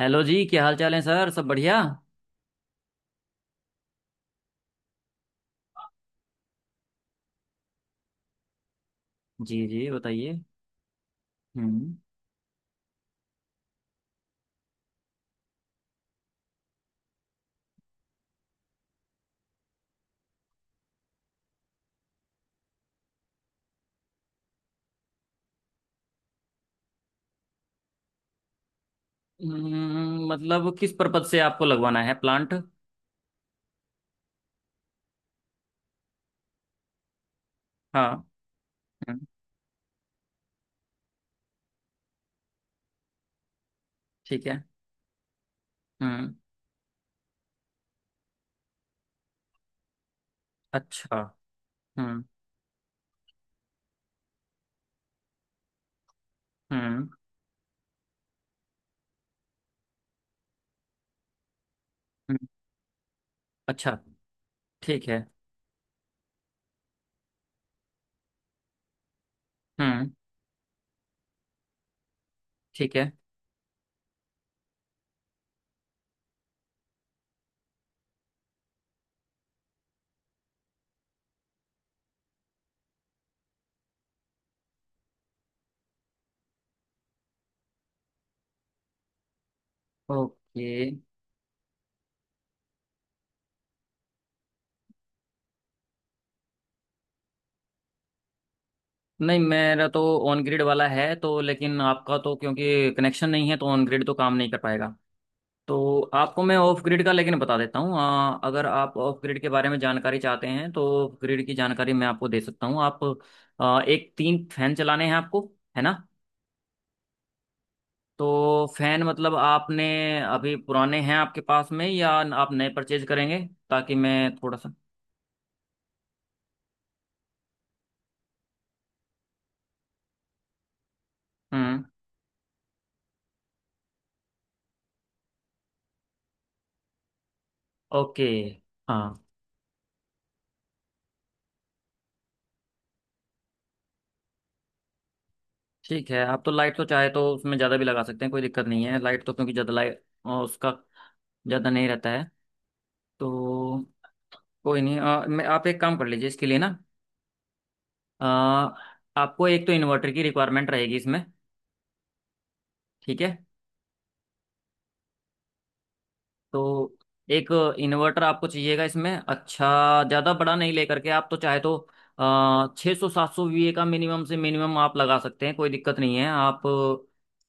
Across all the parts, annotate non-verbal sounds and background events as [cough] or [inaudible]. Hello जी, क्या हाल चाल है सर? सब बढ़िया। जी जी बताइए। हम्म। मतलब किस पर्पज से आपको लगवाना है प्लांट? हाँ। हम्म, ठीक है। हम्म। अच्छा। हम्म हम्म। हम्म, अच्छा। ठीक है। हम्म। ठीक है। ओके। नहीं, मेरा तो ऑन ग्रिड वाला है, तो लेकिन आपका तो क्योंकि कनेक्शन नहीं है तो ऑन ग्रिड तो काम नहीं कर पाएगा। तो आपको मैं ऑफ ग्रिड का लेकिन बता देता हूँ। अगर आप ऑफ ग्रिड के बारे में जानकारी चाहते हैं तो ऑफ ग्रिड की जानकारी मैं आपको दे सकता हूँ। आप एक तीन फैन चलाने हैं आपको, है ना? तो फैन मतलब आपने अभी पुराने हैं आपके पास में या आप नए परचेज करेंगे, ताकि मैं थोड़ा सा। हम्म। ओके। हाँ। ठीक है, आप तो लाइट तो चाहे तो उसमें ज़्यादा भी लगा सकते हैं, कोई दिक्कत नहीं है। लाइट तो क्योंकि ज़्यादा लाइट उसका ज़्यादा नहीं रहता है। तो कोई नहीं। मैं आप एक काम कर लीजिए इसके लिए ना। अ, आपको एक तो इन्वर्टर की रिक्वायरमेंट रहेगी इसमें। ठीक है। तो एक इन्वर्टर आपको चाहिएगा इसमें, अच्छा ज़्यादा बड़ा नहीं। लेकर के आप तो चाहे तो 600 700 वी ए का मिनिमम से मिनिमम आप लगा सकते हैं, कोई दिक्कत नहीं है। आप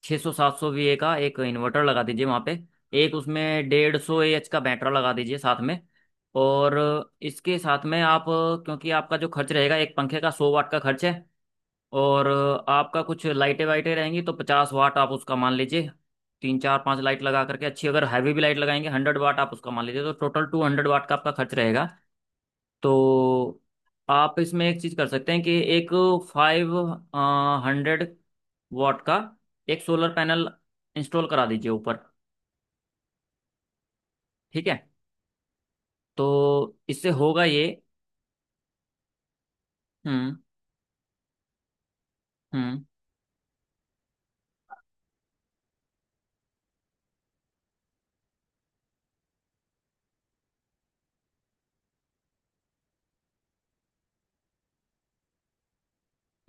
600 700 वी ए का एक इन्वर्टर लगा दीजिए वहाँ पे। एक उसमें 150 ए एच का बैटरा लगा दीजिए साथ में। और इसके साथ में आप, क्योंकि आपका जो खर्च रहेगा, एक पंखे का 100 वाट का खर्च है। और आपका कुछ लाइटें वाइटें रहेंगी तो 50 वाट आप उसका मान लीजिए। तीन चार पांच लाइट लगा करके, अच्छी अगर हैवी भी लाइट लगाएंगे, 100 वाट आप उसका मान लीजिए। तो टोटल 200 वाट का आपका खर्च रहेगा। तो आप इसमें एक चीज़ कर सकते हैं कि एक 500 वाट का एक सोलर पैनल इंस्टॉल करा दीजिए ऊपर। ठीक है? तो इससे होगा ये। हम्म। हम्म।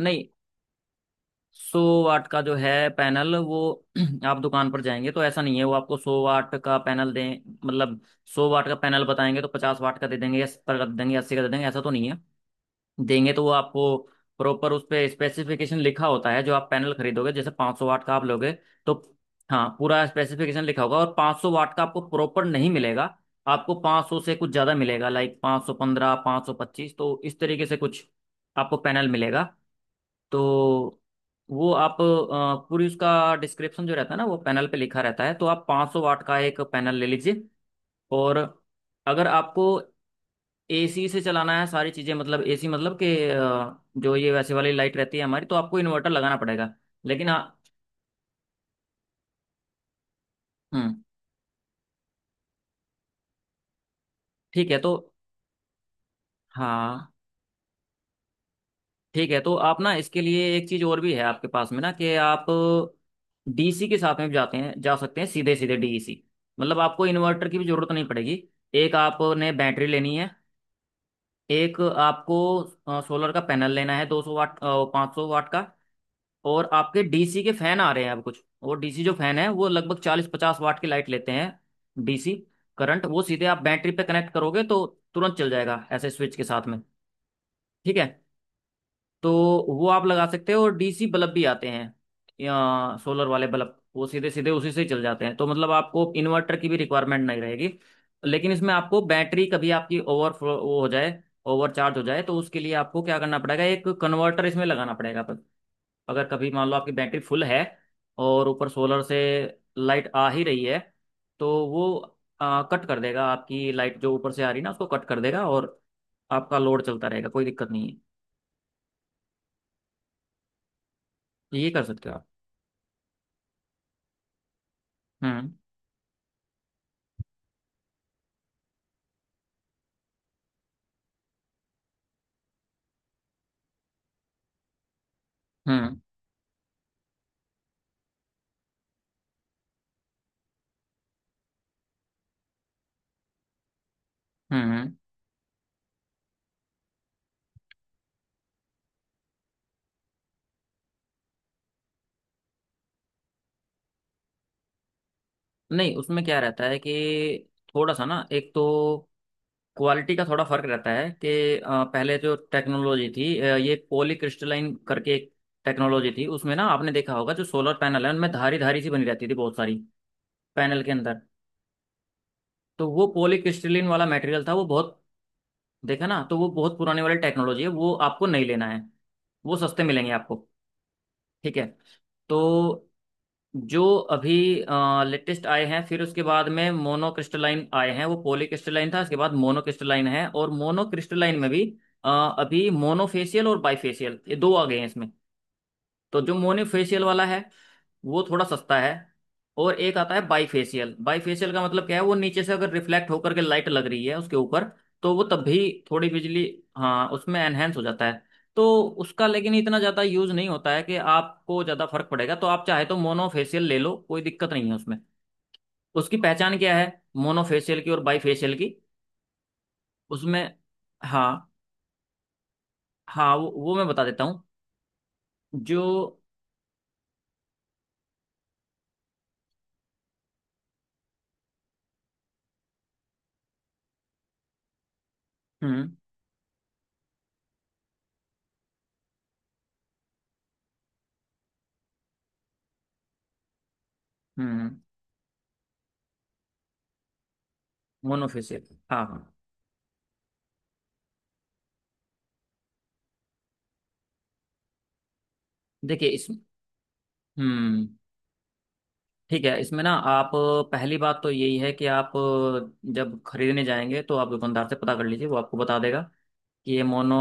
नहीं, 100 वाट का जो है पैनल वो [clears throat] आप दुकान पर जाएंगे तो ऐसा नहीं है वो आपको 100 वाट का पैनल दें। मतलब 100 वाट का पैनल बताएंगे तो 50 वाट का दे देंगे या सत्तर का दे देंगे अस्सी का दे देंगे, ऐसा तो नहीं है। देंगे तो वो आपको प्रॉपर, उस पे स्पेसिफिकेशन लिखा होता है। जो आप पैनल खरीदोगे जैसे 500 वाट का आप लोगे तो, हाँ, पूरा स्पेसिफिकेशन लिखा होगा। और 500 वाट का आपको प्रॉपर नहीं मिलेगा। आपको 500 से कुछ ज़्यादा मिलेगा लाइक 515, 525। तो इस तरीके से कुछ आपको पैनल मिलेगा। तो वो आप पूरी उसका डिस्क्रिप्शन जो रहता है ना वो पैनल पे लिखा रहता है। तो आप 500 वाट का एक पैनल ले लीजिए। और अगर आपको एसी से चलाना है सारी चीज़ें, मतलब एसी मतलब कि जो ये वैसे वाली लाइट रहती है हमारी, तो आपको इन्वर्टर लगाना पड़ेगा। लेकिन हाँ। हम्म। ठीक है। तो हाँ ठीक है, तो आप ना इसके लिए एक चीज़ और भी है आपके पास में ना, कि आप डीसी के साथ में भी जाते हैं, जा सकते हैं सीधे सीधे डीसी, मतलब आपको इन्वर्टर की भी जरूरत नहीं पड़ेगी। एक आपने बैटरी लेनी है। एक आपको सोलर का पैनल लेना है 200 वाट 500 वाट का। और आपके डीसी के फैन आ रहे हैं अब कुछ। और डीसी जो फैन है वो लगभग 40 50 वाट की लाइट लेते हैं। डीसी करंट वो सीधे आप बैटरी पे कनेक्ट करोगे तो तुरंत चल जाएगा, ऐसे स्विच के साथ में। ठीक है। तो वो आप लगा सकते हो। और डीसी बल्ब भी आते हैं, या सोलर वाले बल्ब वो सीधे सीधे उसी से ही चल जाते हैं, तो मतलब आपको इन्वर्टर की भी रिक्वायरमेंट नहीं रहेगी। लेकिन इसमें आपको बैटरी कभी आपकी ओवरफ्लो वो हो जाए, ओवर चार्ज हो जाए, तो उसके लिए आपको क्या करना पड़ेगा, एक कन्वर्टर इसमें लगाना पड़ेगा अपन-। अगर कभी मान लो आपकी बैटरी फुल है और ऊपर सोलर से लाइट आ ही रही है, तो वो कट कर देगा। आपकी लाइट जो ऊपर से आ रही है ना उसको कट कर देगा और आपका लोड चलता रहेगा, कोई दिक्कत नहीं है। ये कर सकते हो आप। हम्म। हम्म। हम्म। नहीं, उसमें क्या रहता है कि थोड़ा सा ना, एक तो क्वालिटी का थोड़ा फर्क रहता है कि पहले जो टेक्नोलॉजी थी, ये पॉली क्रिस्टलाइन करके एक टेक्नोलॉजी थी। उसमें ना आपने देखा होगा जो सोलर पैनल है उनमें धारी धारी सी बनी रहती थी बहुत सारी पैनल के अंदर। तो वो पॉली क्रिस्टलाइन वाला मटेरियल था वो बहुत। देखा ना, तो वो बहुत पुराने वाली टेक्नोलॉजी है वो आपको नहीं लेना है। वो सस्ते मिलेंगे आपको। ठीक है। तो जो अभी लेटेस्ट आए हैं, फिर उसके बाद में मोनोक्रिस्टलाइन आए हैं। वो पॉलीक्रिस्टलाइन था, उसके बाद मोनोक्रिस्टलाइन है। और मोनोक्रिस्टलाइन में भी अ, अभी मोनोफेशियल और बाइफेशियल, ये दो आ गए हैं इसमें। तो जो मोनोफेशियल वाला है वो थोड़ा सस्ता है। और एक आता है बाई फेशियल। बाई फेशियल का मतलब क्या है, वो नीचे से अगर रिफ्लेक्ट होकर के लाइट लग रही है उसके ऊपर, तो वो तब भी थोड़ी बिजली, हाँ उसमें एनहेंस हो जाता है। तो उसका लेकिन इतना ज़्यादा यूज़ नहीं होता है कि आपको ज़्यादा फर्क पड़ेगा। तो आप चाहे तो मोनो फेशियल ले लो, कोई दिक्कत नहीं है उसमें। उसकी पहचान क्या है मोनो फेशियल की और बाई फेशियल की। उसमें, हाँ हाँ, वो मैं बता देता हूँ। जो, हम्म। हम्म। Monofacial. हाँ हाँ। देखिए इस। हम्म। ठीक है, इसमें ना आप, पहली बात तो यही है कि आप जब खरीदने जाएंगे तो आप दुकानदार से पता कर लीजिए, वो आपको बता देगा कि ये मोनो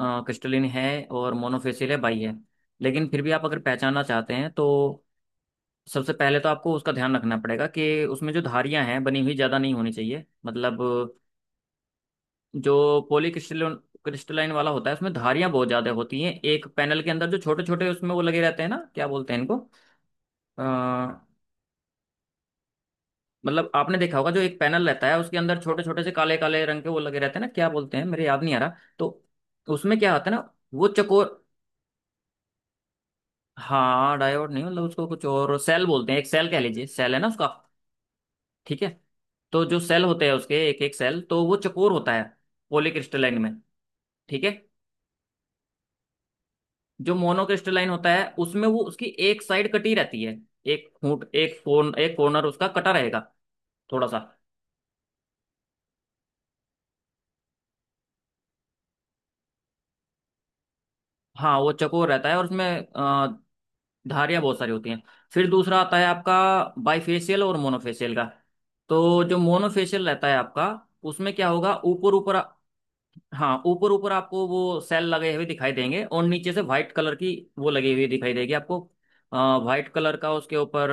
क्रिस्टलिन है और मोनोफेसिल है बाई है। लेकिन फिर भी आप अगर पहचानना चाहते हैं तो सबसे पहले तो आपको उसका ध्यान रखना पड़ेगा कि उसमें जो धारियां हैं बनी हुई ज़्यादा नहीं होनी चाहिए। मतलब जो पॉली क्रिस्टलिन क्रिस्टलाइन वाला होता है उसमें धारियां बहुत ज़्यादा होती हैं एक पैनल के अंदर। जो छोटे छोटे उसमें वो लगे रहते हैं ना, क्या बोलते हैं इनको, मतलब आपने देखा होगा जो एक पैनल रहता है उसके अंदर छोटे छोटे से काले काले रंग के वो लगे रहते हैं ना। क्या बोलते हैं, मेरे याद नहीं आ रहा। तो उसमें क्या होता है ना वो चकोर। हाँ डायोड नहीं, मतलब उसको कुछ और सेल बोलते हैं। एक सेल कह लीजिए, सेल है ना उसका। ठीक है। तो जो सेल होते हैं, उसके एक एक सेल तो वो चकोर होता है पॉलीक्रिस्टलाइन में। ठीक है। जो मोनोक्रिस्टलाइन होता है उसमें वो उसकी एक साइड कटी रहती है। एक फूट एक कोन एक कॉर्नर उसका कटा रहेगा थोड़ा सा। हाँ वो चकोर रहता है और उसमें धारियाँ बहुत सारी होती हैं। फिर दूसरा आता है आपका बाइफेशियल और मोनोफेशियल का। तो जो मोनोफेशियल रहता है आपका, उसमें क्या होगा, ऊपर ऊपर, हाँ ऊपर ऊपर आपको वो सेल लगे हुए दिखाई देंगे और नीचे से व्हाइट कलर की वो लगी हुई दिखाई देगी आपको, व्हाइट कलर का उसके ऊपर।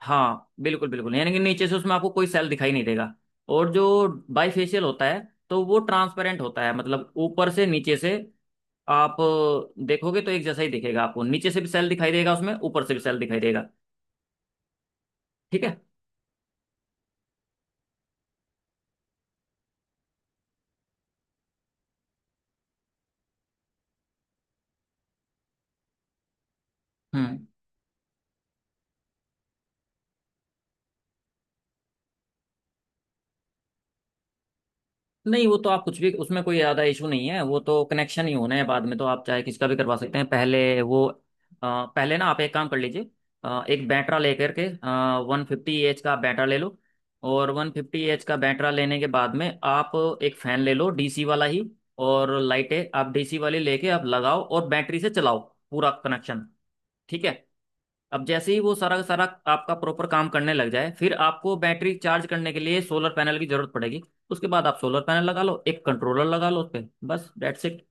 हाँ बिल्कुल बिल्कुल, यानी कि नीचे से उसमें आपको कोई सेल दिखाई नहीं देगा। और जो बाइफेशियल होता है, तो वो ट्रांसपेरेंट होता है, मतलब ऊपर से नीचे से आप देखोगे तो एक जैसा ही दिखेगा। आपको नीचे से भी सेल दिखाई देगा उसमें, ऊपर से भी सेल दिखाई देगा। ठीक है। हम्म। नहीं, वो तो आप कुछ भी, उसमें कोई ज़्यादा इशू नहीं है। वो तो कनेक्शन ही होना है बाद में, तो आप चाहे किसका भी करवा सकते हैं पहले, वो पहले ना आप एक काम कर लीजिए। एक बैटरा लेकर के 150 एच का बैटरा ले लो। और 150 एच का बैटरा लेने के बाद में आप एक फ़ैन ले लो डीसी वाला ही। और लाइटें आप डीसी वाली लेके आप लगाओ और बैटरी से चलाओ पूरा कनेक्शन। ठीक है। अब जैसे ही वो सारा का सारा आपका प्रॉपर काम करने लग जाए, फिर आपको बैटरी चार्ज करने के लिए सोलर पैनल की जरूरत पड़ेगी। उसके बाद आप सोलर पैनल लगा लो, एक कंट्रोलर लगा लो उस पर। बस दैट्स इट।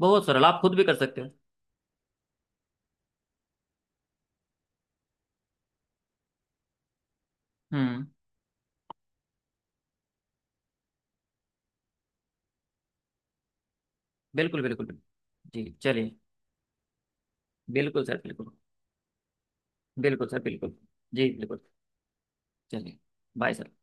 बहुत सरल, आप खुद भी कर सकते हो। हम्म। बिल्कुल बिल्कुल बिल्कुल। जी चलिए। बिल्कुल सर बिल्कुल। बिल्कुल सर बिल्कुल। जी बिल्कुल। चलिए। Bye sir.